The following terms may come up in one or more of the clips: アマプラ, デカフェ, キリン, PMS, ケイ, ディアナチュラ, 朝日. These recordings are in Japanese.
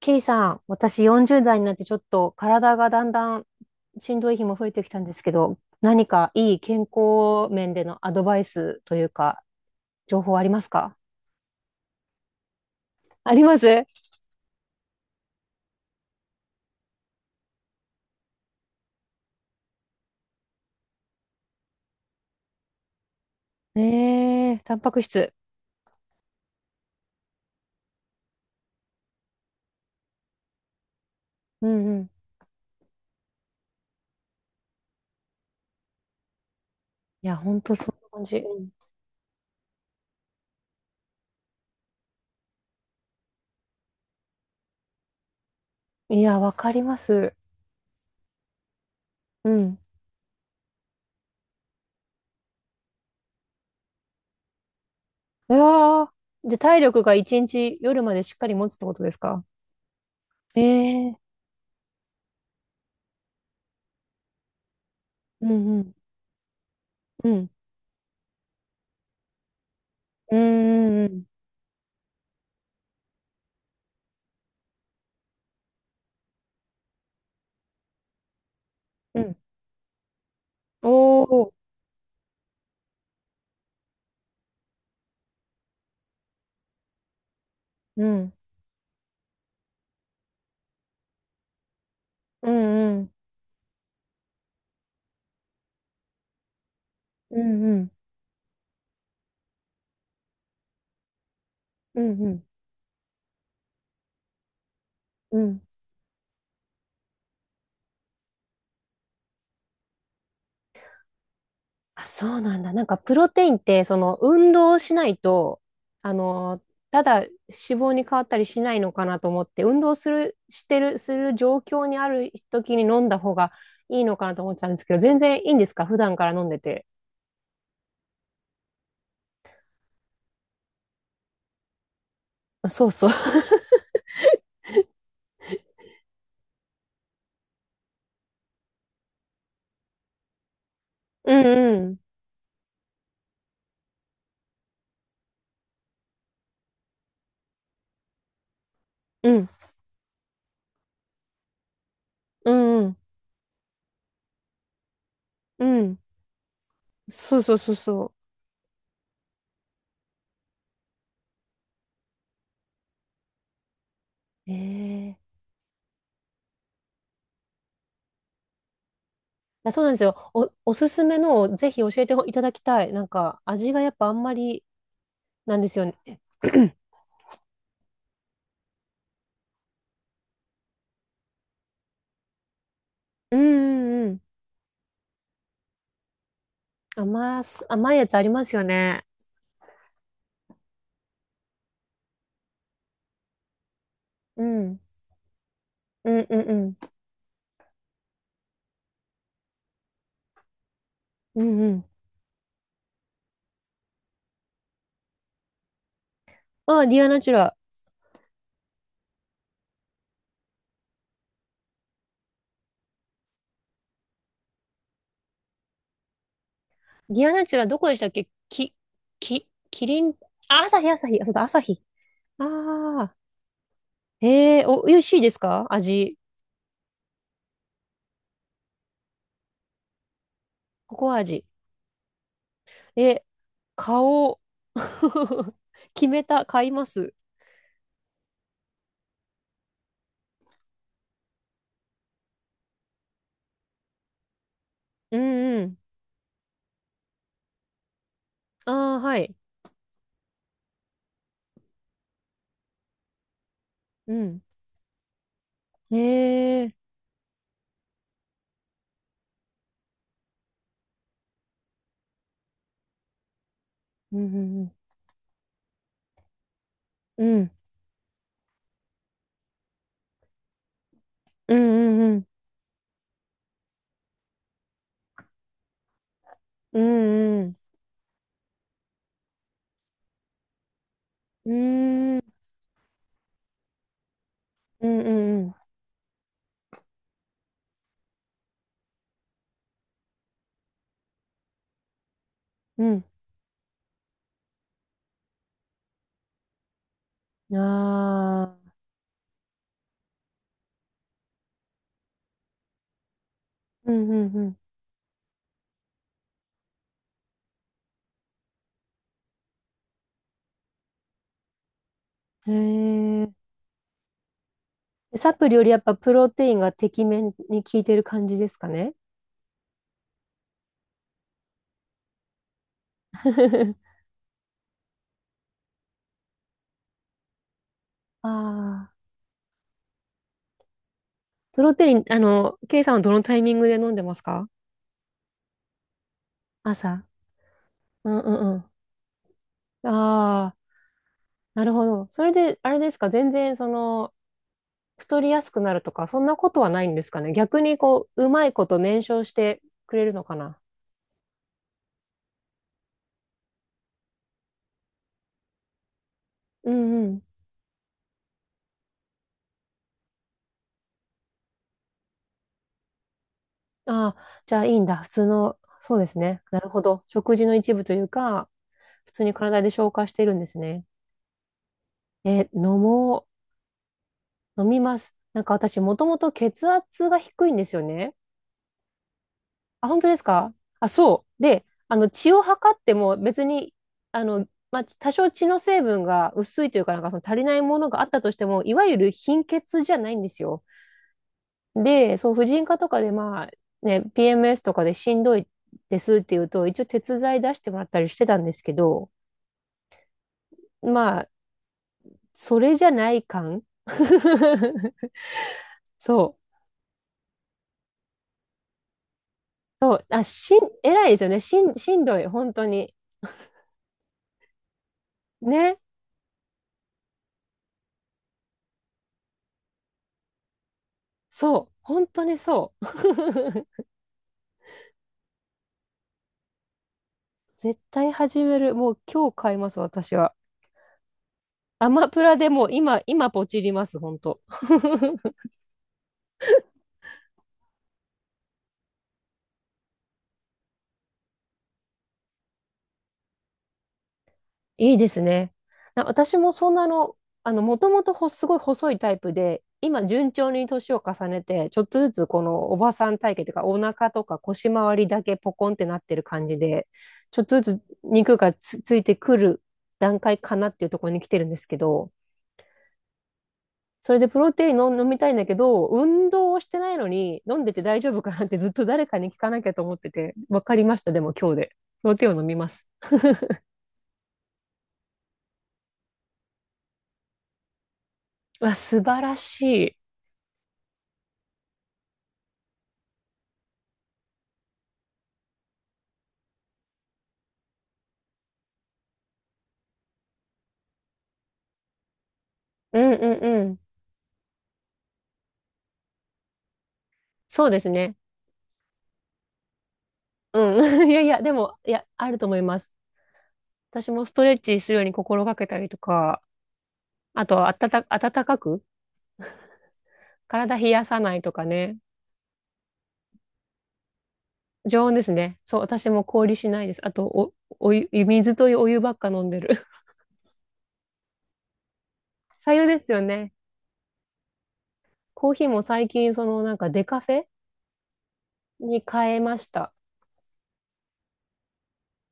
ケイさん、私40代になってちょっと体がだんだんしんどい日も増えてきたんですけど、何かいい健康面でのアドバイスというか、情報ありますか？あります。タンパク質。うんうん。いや、ほんとそんな感じ。うん。いや、わかります。うん。うわー。で、体力が一日夜までしっかり持つってことですか？えー、うんうん。うん。うんうんうん。うん。おー。うん。うんうん。うんうんうんうんうん。あ、そうなんだ。なんかプロテインって、その運動をしないと、あの、ただ脂肪に変わったりしないのかなと思って、運動する、してる、する状況にある時に飲んだ方がいいのかなと思ってたんですけど、全然いいんですか？普段から飲んでて。あ、そうそう。うんうん。うん。うんうん。うん。そうそうそうそう。ええ。あ、そうなんですよ。おすすめのをぜひ教えていただきたい。なんか味がやっぱあんまりなんですよね。うんうんうん。甘いやつありますよね。うん。うんうんうん。うんうん。あ、ディアナチュラ。ディアナチュラどこでしたっけ？キリン？あ、朝日朝日。あ、そうだ、朝日。ああ。ええー、美味しいですか？味。ココア味。え、買おう。決めた。買います。うんうん。ああ、はい。うん。ええー。うんうんうん。うんうんうん。うんうんうん。うんうんうん。うんうんうん。ああ、うんうんうん。へえ。サプリよりやっぱプロテインがてきめんに効いてる感じですかね？ああ、プロテイン、ケイさんはどのタイミングで飲んでますか？朝。うんうんうん。ああ、なるほど。それで、あれですか、全然太りやすくなるとか、そんなことはないんですかね。逆にこう、うまいこと燃焼してくれるのかな。うんうん。ああ、じゃあいいんだ。普通の、そうですね。なるほど。食事の一部というか、普通に体で消化してるんですね。え、飲もう。飲みます。なんか私、もともと血圧が低いんですよね。あ、本当ですか？あ、そう。で、血を測っても別に、まあ、多少血の成分が薄いというか、なんかその足りないものがあったとしても、いわゆる貧血じゃないんですよ。で、そう、婦人科とかで、まあ、ね、PMS とかでしんどいですっていうと、一応鉄剤出してもらったりしてたんですけど、まあ、それじゃない感。 そう。そう、あ、偉いですよね。しんどい、本当に。ね。そう、本当にそう。絶対始める。もう今日買います、私は。アマプラでもう今ポチります、本当。いいですね。私もそんなの、もともとすごい細いタイプで、今順調に年を重ねて、ちょっとずつこのおばさん体型というか、お腹とか腰回りだけポコンってなってる感じで、ちょっとずつ肉がついてくる段階かなっていうところに来てるんですけど、それでプロテインを飲みたいんだけど、運動をしてないのに飲んでて大丈夫かなってずっと誰かに聞かなきゃと思ってて、わかりました、でも今日で。プロテインを飲みます。うわ、素晴らしい。うんうんうん。そうですね。うん。いやいや、でも、いや、あると思います。私もストレッチするように心がけたりとか、あと、あたた、暖かく、体冷やさないとかね。常温ですね。そう、私も氷しないです。あと、お湯、水とお湯ばっか飲んでる。白湯ですよね。コーヒーも最近、なんかデカフェに変えました。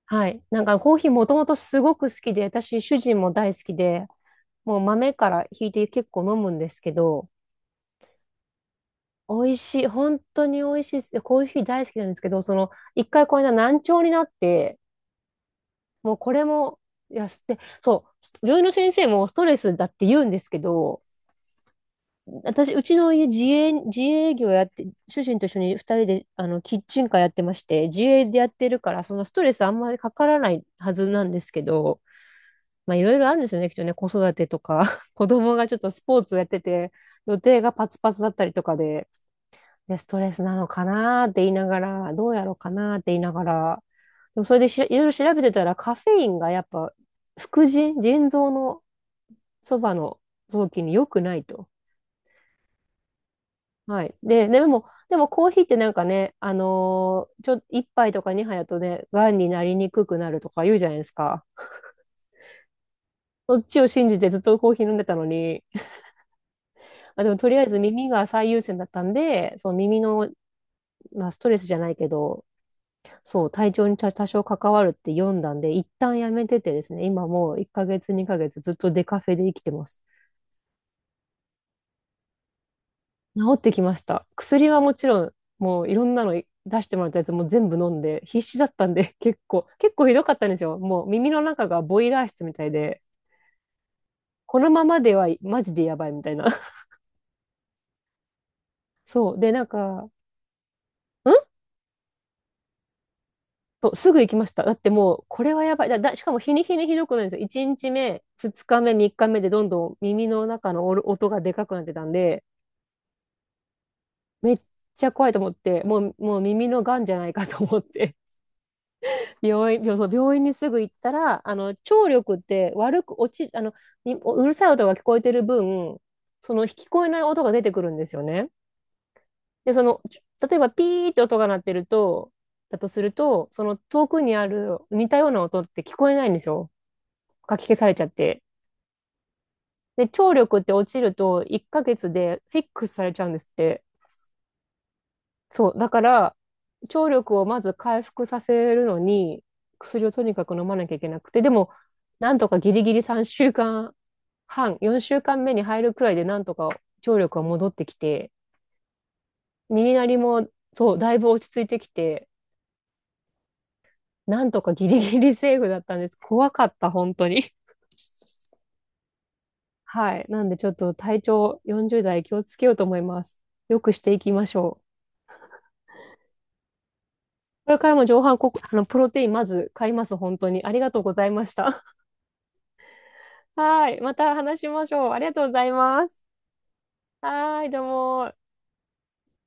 はい。なんかコーヒーもともとすごく好きで、私、主人も大好きで、もう豆からひいて結構飲むんですけど、美味しい。本当に美味しいです。コーヒー大好きなんですけど、一回これが難聴になって、もうこれも、いや、すって、そう、病院の先生もストレスだって言うんですけど、私、うちの家自営業やって、主人と一緒に二人で、キッチンカーやってまして、自営でやってるから、そのストレスあんまりかからないはずなんですけど、まあ、いろいろあるんですよね、きっとね、子育てとか、子供がちょっとスポーツやってて、予定がパツパツだったりとかで、ストレスなのかなーって言いながら、どうやろうかなーって言いながら、でもそれでいろいろ調べてたら、カフェインがやっぱ、副腎、腎臓のそばの臓器に良くないと。はい。で、でもコーヒーってなんかね、あのーちょ、一杯とか二杯だとね、癌になりにくくなるとか言うじゃないですか。そっちを信じてずっとコーヒー飲んでたのに、あ、でもとりあえず耳が最優先だったんで、その耳の、まあ、ストレスじゃないけど、そう、体調に多少関わるって読んだんで、一旦やめててですね、今もう1ヶ月、2ヶ月ずっとデカフェで生きてます。治ってきました。薬はもちろん、もういろんなの出してもらったやつも全部飲んで、必死だったんで、結構ひどかったんですよ。もう耳の中がボイラー室みたいで、このままではマジでやばいみたいな。そう。で、なんか、ん。そうすぐ行きました。だってもう、これはやばい。しかも日に日にひどくないんですよ。1日目、2日目、3日目でどんどん耳の中の音がでかくなってたんで、めっちゃ怖いと思って、もう耳のがんじゃないかと思って、病院、病そう病院にすぐ行ったら、聴力って悪く落ち、にうるさい音が聞こえてる分、その聞こえない音が出てくるんですよね。で、例えばピーって音が鳴ってると、だとすると、その遠くにある似たような音って聞こえないんですよ。かき消されちゃって。で、聴力って落ちると1ヶ月でフィックスされちゃうんですって。そう、だから、聴力をまず回復させるのに、薬をとにかく飲まなきゃいけなくて、でも、なんとかギリギリ3週間半、4週間目に入るくらいで、なんとか聴力が戻ってきて、耳鳴りも、そう、だいぶ落ち着いてきて、なんとかギリギリセーフだったんです。怖かった、本当に。はい。なんで、ちょっと体調40代気をつけようと思います。よくしていきましょう。これからも上半国、プロテインまず買います、本当に。ありがとうございました。はい。また話しましょう。ありがとうございます。はい。どうも。